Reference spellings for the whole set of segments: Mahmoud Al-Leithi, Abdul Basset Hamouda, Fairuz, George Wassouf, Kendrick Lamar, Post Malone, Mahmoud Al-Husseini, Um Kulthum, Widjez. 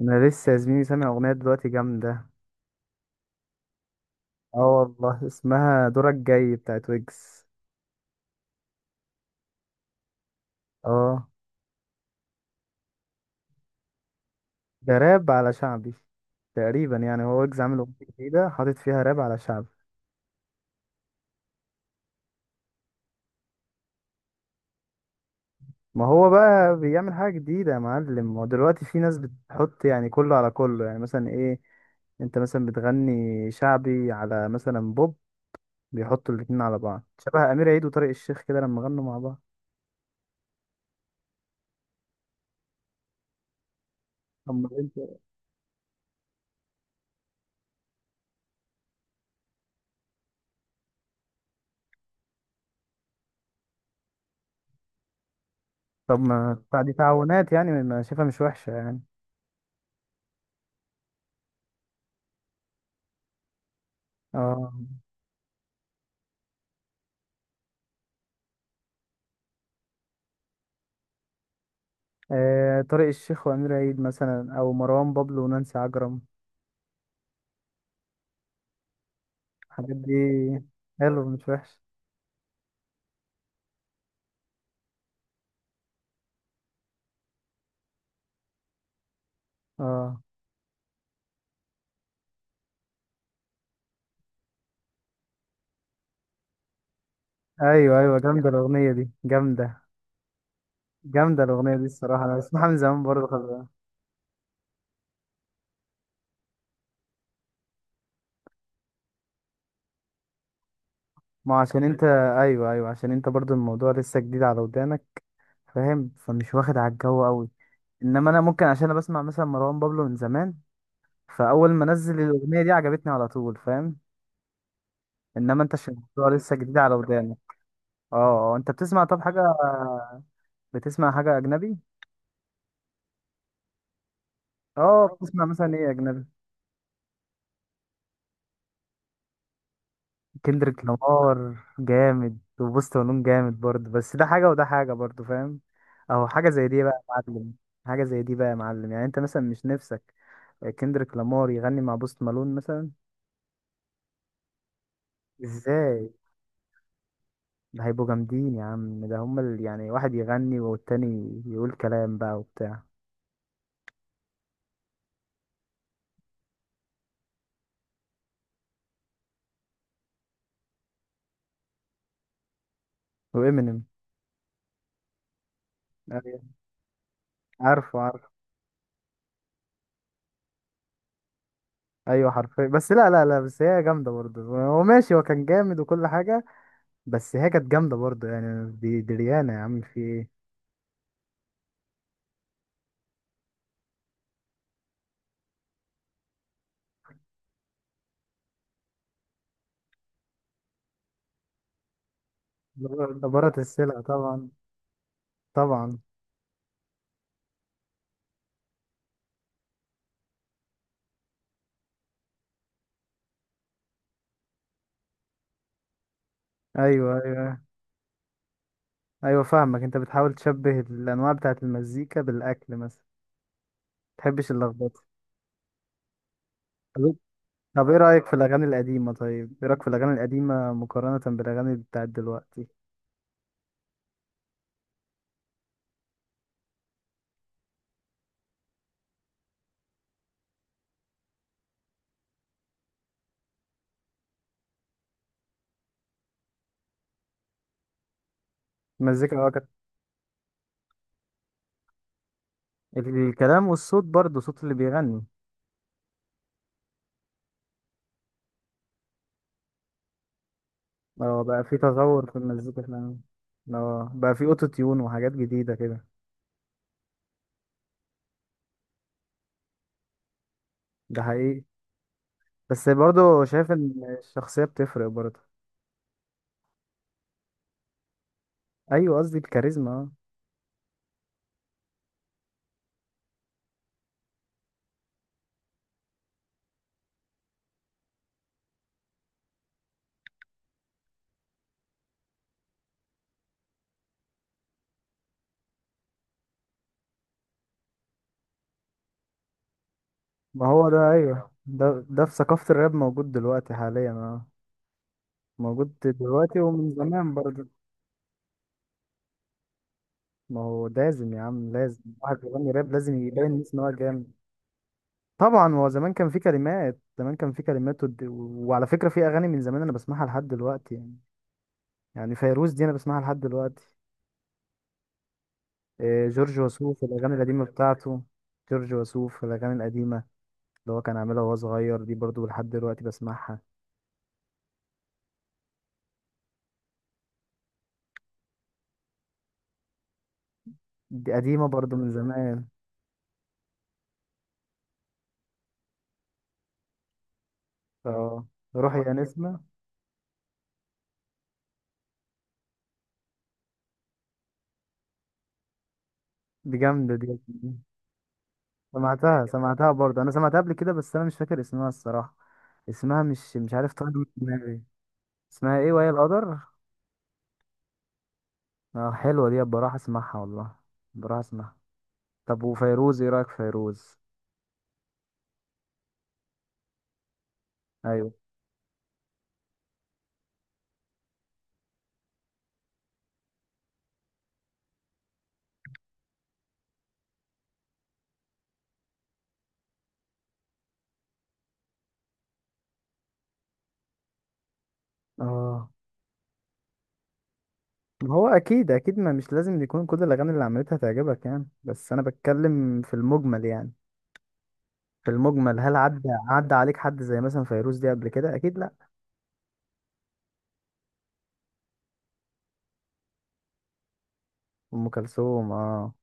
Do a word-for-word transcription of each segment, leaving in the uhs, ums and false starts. انا لسه يا زميلي سامع اغنيه دلوقتي جامده. اه، والله اسمها دورك جاي بتاعت ويجز. اه. ده راب على شعبي تقريبا يعني. هو ويجز عامل اغنيه جديده حاطط فيها راب على شعبي. ما هو بقى بيعمل حاجه جديده يا معلم. هو دلوقتي في ناس بتحط يعني كله على كله يعني مثلا ايه. انت مثلا بتغني شعبي على مثلا بوب. بيحطوا الاتنين على بعض شبه امير عيد وطارق الشيخ كده لما غنوا مع بعض. طب ما انت- طب ما بتاع- دي تعاونات يعني ما شايفها مش وحشه يعني. اه، آه، طارق الشيخ وأمير عيد مثلا أو مروان بابلو ونانسي عجرم. الحاجات دي حلو مش وحش. اه، ايوه، ايوه، جامده الاغنيه دي جامده. جامده الاغنيه دي الصراحه انا بسمعها من زمان برضه خلي بالك. ما هو عشان انت ايوه، ايوه، عشان انت برضه الموضوع لسه جديد على ودانك. فاهم، فمش واخد على الجو قوي. انما انا ممكن عشان انا بسمع مثلا مروان بابلو من زمان. فاول ما نزل الاغنيه دي عجبتني على طول، فاهم. انما انت عشان الموضوع لسه جديد على ودانك. اه، آه، انت بتسمع طب حاجه، بتسمع حاجه اجنبي؟ اه، بتسمع مثلا ايه اجنبي؟ كندريك لامار جامد وبوست ونون جامد برضه، بس ده حاجه وده حاجه برضه، فاهم. اهو حاجه زي دي بقى يا معلم. حاجه زي دي بقى يا معلم، يعني انت مثلا مش نفسك كندريك لامار يغني مع بوست مالون مثلا؟ ازاي؟ ده هيبقوا جامدين يا عم، ده هما ال- يعني واحد يغني والتاني يقول كلام بقى وبتاع. وامينيم. أيوة. عارفه، عارفه. ايوه حرفيا، بس لا، لا، لا، بس هي جامده برضه، هو ماشي، هو كان جامد وكل حاجه. بس هي كانت جامدة برضه، يعني دي دي ريانة يا عم، في ايه. دبر- دبرت السلع طبعا. طبعا. ايوه، ايوه، ايوه، فاهمك، انت بتحاول تشبه الانواع بتاعت المزيكا بالاكل مثلا. متحبش اللخبطة. طب إيه، طب ايه رأيك في الاغاني القديمة طيب ايه رأيك في الاغاني القديمة مقارنة بالاغاني بتاعت دلوقتي؟ المزيكا اه كانت. الكلام والصوت برضه، صوت اللي بيغني. اه، بقى في تطور في المزيكا فعلا. اه، بقى في اوتو تيون وحاجات جديدة كده. ده حقيقي. بس برضه شايف ان الشخصية بتفرق برضه. ايوه، قصدي الكاريزما، اه. ما هو ده، ايوه، ده ده في ثقافة الراب موجود دلوقتي حاليا اه. موجود دلوقتي ومن زمان برضه. ما هو لازم يا عم، لازم واحد بيغني راب لازم يبين الناس ان هو جامد. طبعا، هو زمان كان في كلمات، زمان كان في كلمات ود... وعلى فكرة في اغاني من زمان انا بسمعها لحد دلوقتي يعني. يعني فيروز دي انا بسمعها لحد دلوقتي. إيه، جورج وسوف الاغاني القديمة بتاعته. جورج وسوف الاغاني القديمة اللي هو كان عاملها وهو صغير دي برضو لحد دلوقتي بسمعها. دي قديمة برضو من زمان. اه، روحي يا نسمة. دي جامدة دي. سمعتها سمعتها برضو، أنا سمعتها قبل كده، بس أنا مش فاكر اسمها الصراحة. اسمها مش مش عارف، طالع من دماغي. اسمها ايه وهي القدر؟ اه، حلوة دي، بروح اسمعها والله. بروح اسمعها. طب، وفيروز ايه رأيك في فيروز؟ ايوه. اه، ما هو اكيد، اكيد، ما مش لازم يكون كل الاغاني اللي عملتها تعجبك يعني. بس انا بتكلم في المجمل يعني. في المجمل هل عدى عدى عليك حد زي مثلا فيروز دي قبل كده؟ اكيد لا. ام كلثوم، اه.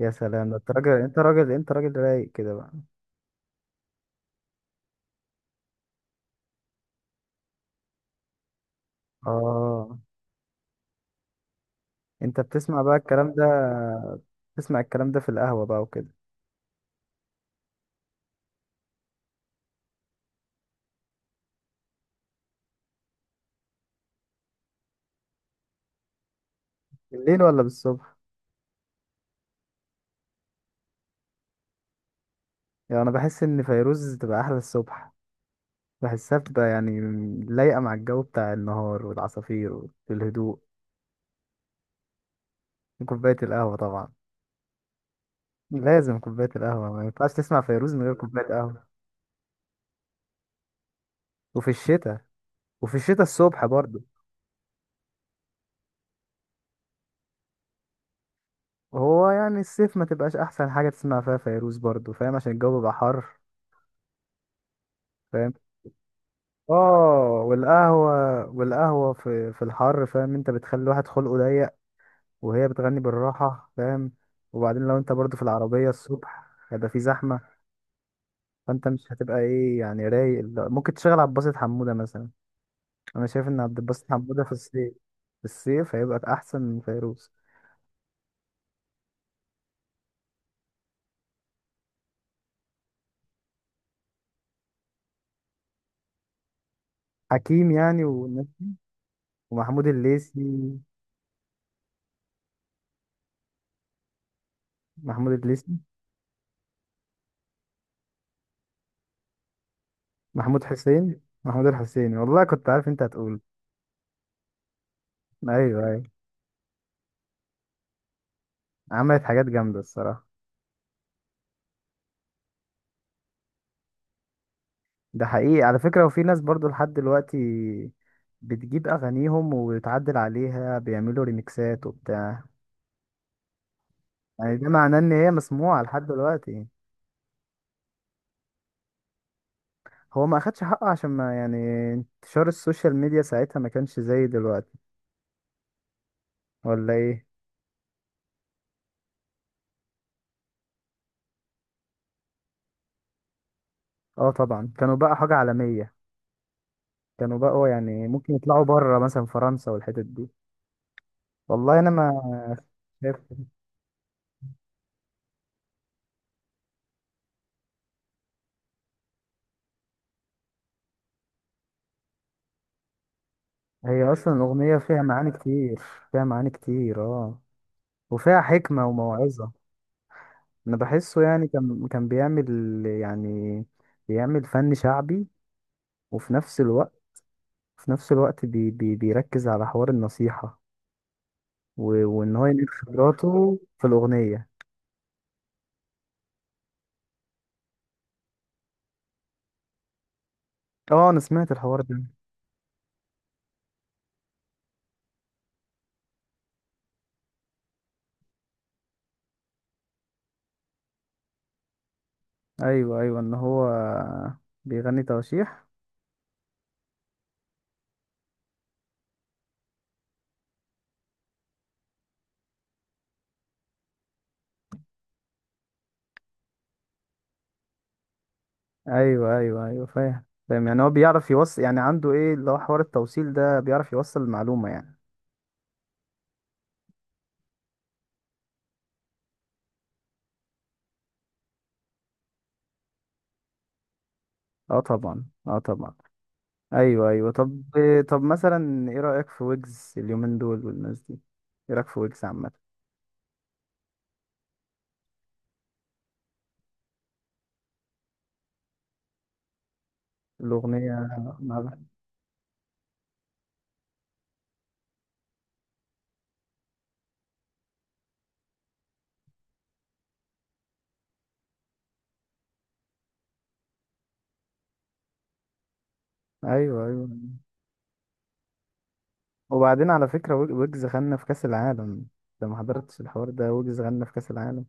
يا سلام، ده انت راجل، انت راجل، انت راجل رايق كده بقى. اه، انت بتسمع بقى الكلام ده. بتسمع الكلام ده في القهوة بقى وكده. بالليل ولا بالصبح؟ يعني انا بحس ان فيروز تبقى احلى الصبح. بحسها بتبقى يعني لايقة مع الجو بتاع النهار والعصافير والهدوء. وكوباية القهوة طبعا. لازم كوباية القهوة، ما ينفعش تسمع فيروز من غير كوباية قهوة. وفي الشتاء وفي الشتاء الصبح برضه. هو يعني الصيف ما تبقاش احسن حاجه تسمع فيها فيروز برضو، فاهم، عشان الجو بيبقى حر، فاهم. اه، والقهوه والقهوه في في الحر، فاهم، انت بتخلي الواحد خلقه ضيق وهي بتغني بالراحه، فاهم. وبعدين لو انت برضو في العربيه الصبح، هيبقى في زحمه. فانت مش هتبقى ايه يعني، رايق، لا، ممكن تشغل عبد الباسط حموده مثلا. انا شايف ان عبد الباسط حموده في الصيف، في الصيف هيبقى احسن من فيروز. حكيم يعني والناس- ومحمود الليثي. محمود الليثي. محمود حسين محمود الحسيني، والله كنت عارف انت هتقول. ايوه، ايوه. عملت حاجات جامده الصراحه. ده حقيقي على فكره، وفي ناس برضو لحد دلوقتي بتجيب اغانيهم وبتعدل عليها، بيعملوا ريميكسات وبتاع. يعني ده معناه ان هي مسموعه لحد دلوقتي. هو ما اخدش حقه عشان ما يعني انتشار السوشيال ميديا ساعتها ما كانش زي دلوقتي، ولا ايه؟ اه، طبعا، كانوا بقى حاجه عالميه. كانوا بقى يعني ممكن يطلعوا بره مثلا فرنسا والحتت دي. والله انا ما شايف. هي اصلا الاغنيه فيها معاني كتير. فيها معاني كتير، اه. وفيها حكمه وموعظه. انا بحسه يعني كان كان بيعمل يعني بيعمل فن شعبي. وفي نفس الوقت، في نفس الوقت بي بي بيركز على حوار النصيحه. و- وان هو ينقل خبراته في الاغنيه. اه، انا سمعت الحوار ده. ايوه، ايوه، ان هو بيغني تواشيح. ايوه، ايوه، ايوه، فاهم، فاهم، يعني هو بيعرف يوصل، يعني عنده ايه اللي هو حوار التوصيل ده، بيعرف يوصل المعلومه يعني. اه، طبعا، اه، طبعا. ايوه، ايوه، طب. طب، مثلا ايه رأيك في ويجز اليومين دول والناس دي؟ ايه رأيك في ويجز عامة؟ الأغنية. مع- ايوه، ايوه. وبعدين على فكرة ويج- ويجز غنى في كأس العالم. انت ما حضرتش الحوار ده؟ ويجز غنى في كأس العالم.